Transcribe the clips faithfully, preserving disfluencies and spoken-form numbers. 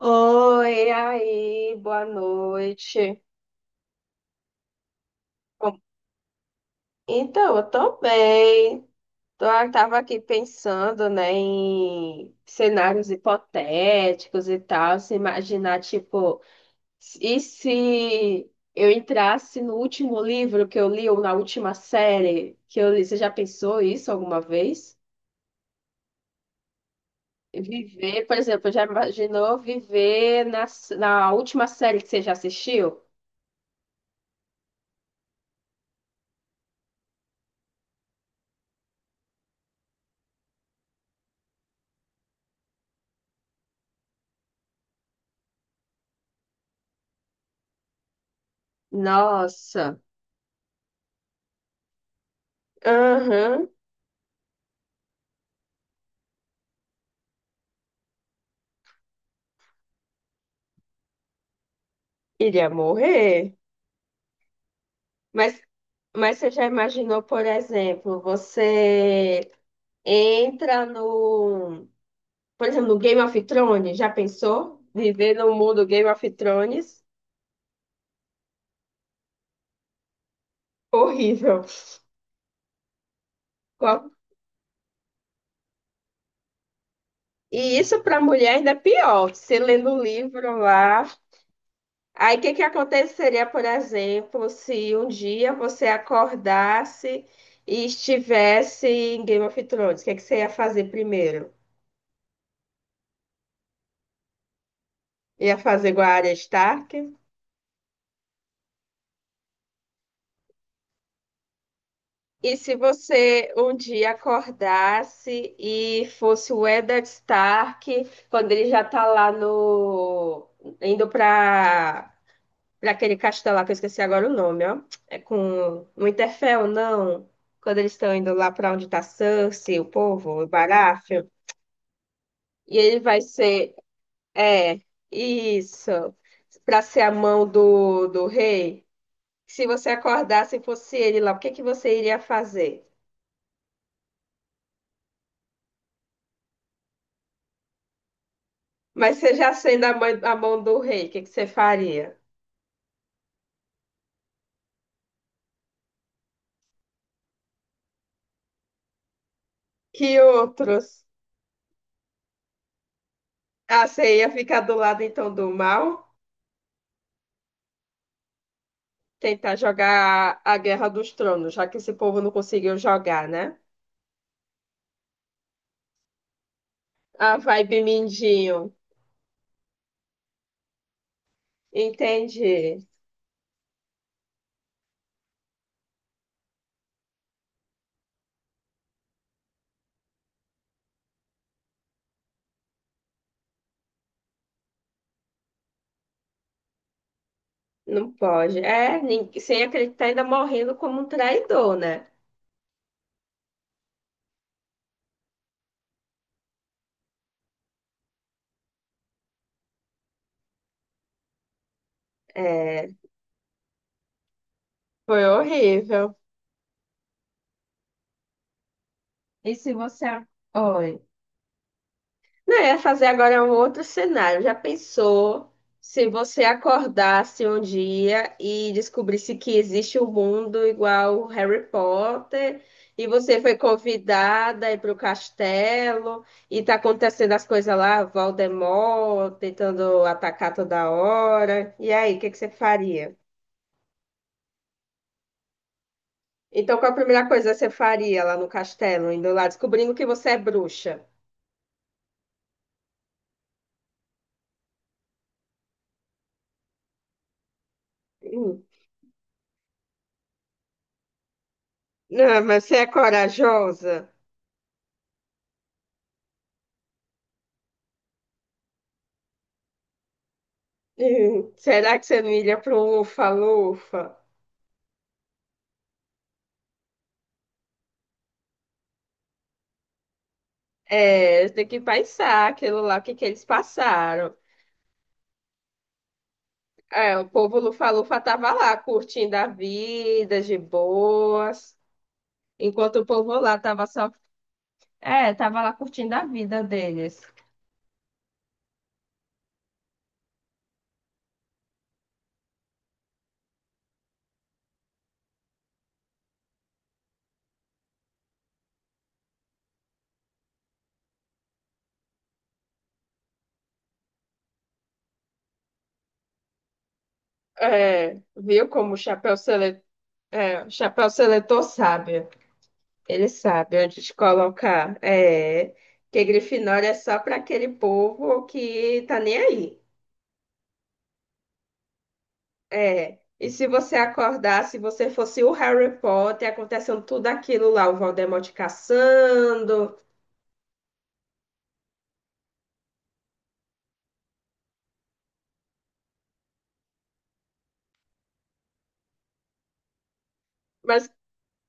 Oi, aí, boa noite. Bom, Então, eu tô bem. Tô, eu tava aqui pensando, né, em cenários hipotéticos e tal, se imaginar, tipo, e se eu entrasse no último livro que eu li ou na última série que eu li? Você já pensou isso alguma vez? Viver, por exemplo, já imaginou viver na, na última série que você já assistiu? Nossa. Aham. Iria morrer. Mas, mas você já imaginou, por exemplo, você entra no, por exemplo, no Game of Thrones, já pensou? Viver no mundo Game of Thrones? Horrível. Qual- E isso para a mulher ainda é pior. Você lendo o livro lá. Aí o que que aconteceria, por exemplo, se um dia você acordasse e estivesse em Game of Thrones? O que que você ia fazer primeiro? Ia fazer igual a Arya Stark? E se você um dia acordasse e fosse o Eddard Stark, quando ele já tá lá no... indo para para aquele castelo lá, que eu esqueci agora o nome, ó. É com... No Interfell, não. Quando eles estão indo lá para onde tá Cersei, o povo, o Baratheon. E ele vai ser... É, isso. Para ser a mão do, do rei. Se você acordasse e fosse ele lá, o que que você iria fazer? Mas você já sendo a, mãe- a mão do rei, o que que você faria? Que outros? Ah, você ia ficar do lado então do mal? Tentar jogar a Guerra dos Tronos, já que esse povo não conseguiu jogar, né? A vibe mindinho. Entendi. Não pode. É, nin- sem acreditar, ainda morrendo como um traidor, né? É, foi horrível. E se você. Oi. Não, eu ia fazer agora um outro cenário. Já pensou se você acordasse um dia e descobrisse que existe um mundo igual o Harry Potter e você foi convidada a ir para o castelo e tá acontecendo as coisas lá, Voldemort tentando atacar toda hora. E aí, o que que você faria? Então, qual a primeira coisa que você faria lá no castelo, indo lá, descobrindo que você é bruxa? Hum. Não, mas você é corajosa. Hum, será que você não iria para um lufa-lufa? É, tem que pensar aquilo lá, o que que eles passaram. É, o povo lufa-lufa tava lá curtindo a vida de boas, enquanto o povo lá tava só, é, tava lá curtindo a vida deles. É, viu como o chapéu seletor, é, o chapéu seletor sabe? Ele sabe onde te colocar. É, que Grifinória é só para aquele povo que tá nem aí. É, e se você acordar, se você fosse o Harry Potter, acontecendo tudo aquilo lá, o Voldemort caçando, mas,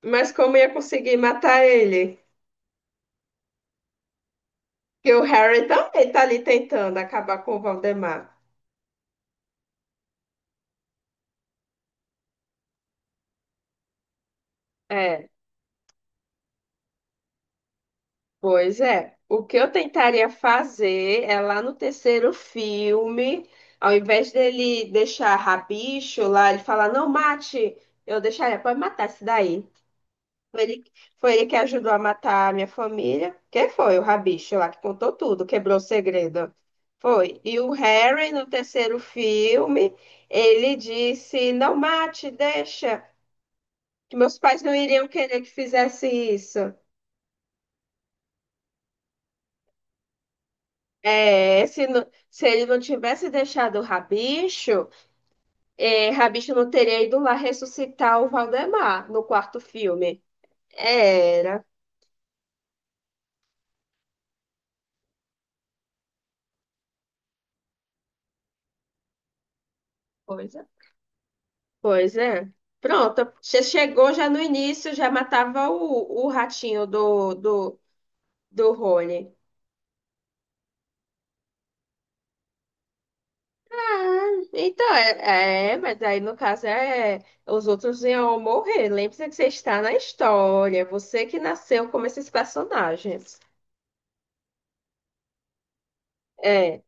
mas como ia conseguir matar ele? Que o Harry também tá ali tentando acabar com o Voldemort. É, pois é. O que eu tentaria fazer é lá no terceiro filme, ao invés dele deixar rabicho lá, ele falar, não mate, eu deixaria, pode matar esse daí. Foi ele, foi ele que ajudou a matar a minha família. Quem foi? O Rabicho lá que contou tudo, quebrou o segredo. Foi. E o Harry, no terceiro filme, ele disse: Não mate, deixa, que meus pais não iriam querer que fizesse isso. É, se, não- se ele não tivesse deixado o Rabicho, é, Rabicho não teria ido lá ressuscitar o Valdemar no quarto filme. Era. Pois Pois é. Pronto. Você chegou já no início, já matava o, o ratinho do, do, do Rony. Ah, então, é, é, mas aí no caso é os outros iam morrer. Lembre-se que você está na história, é você que nasceu como esses personagens. É,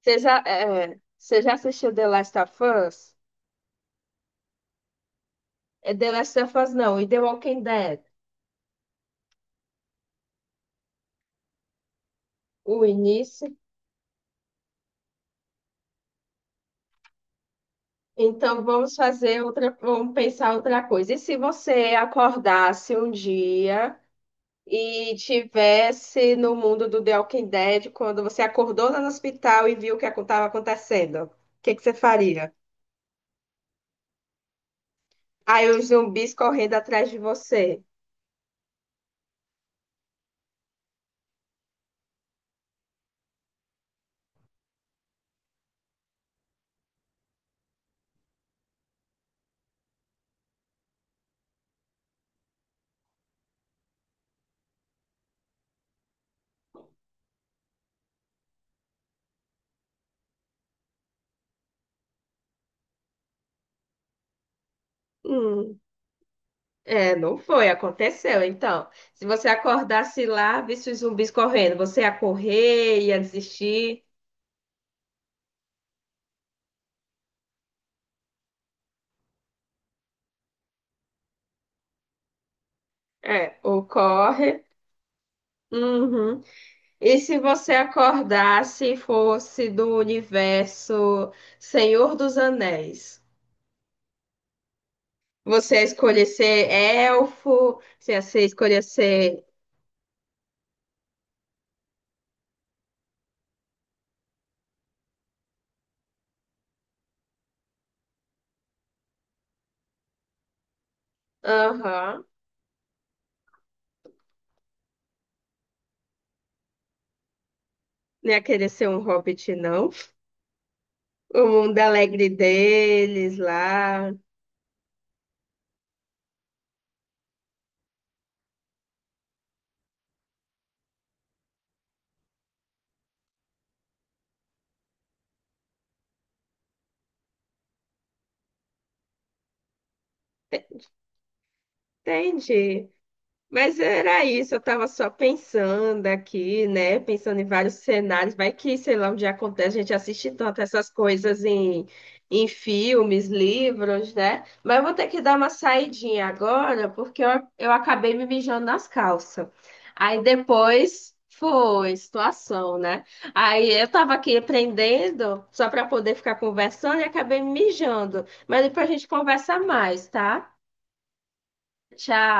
você já, é, você já assistiu The Last of Us? É The Last of Us não, e The Walking Dead. O início. Então vamos fazer outra, vamos pensar outra coisa. E se você acordasse um dia e tivesse no mundo do The Walking Dead, quando você acordou lá no hospital e viu o que estava acontecendo, o que que você faria? Aí os zumbis correndo atrás de você. Hum, é, não foi, aconteceu. Então, se você acordasse lá, visse os zumbis correndo, você ia correr, ia desistir. É, ou corre. Uhum. E se você acordasse e fosse do universo Senhor dos Anéis? Você ia escolher ser elfo? Você ia ser- escolher ser. Aham. Não ia querer ser um hobbit, não. O mundo alegre deles lá. Entendi. Mas era isso, eu estava só pensando aqui, né? Pensando em vários cenários. Vai que, sei lá, onde acontece, a gente assiste tanto essas coisas em, em filmes, livros, né? Mas eu vou ter que dar uma saidinha agora, porque eu, eu acabei me mijando nas calças. Aí depois foi situação, né? Aí eu estava aqui aprendendo só para poder ficar conversando e acabei me mijando. Mas depois a gente conversa mais, tá? Tchau.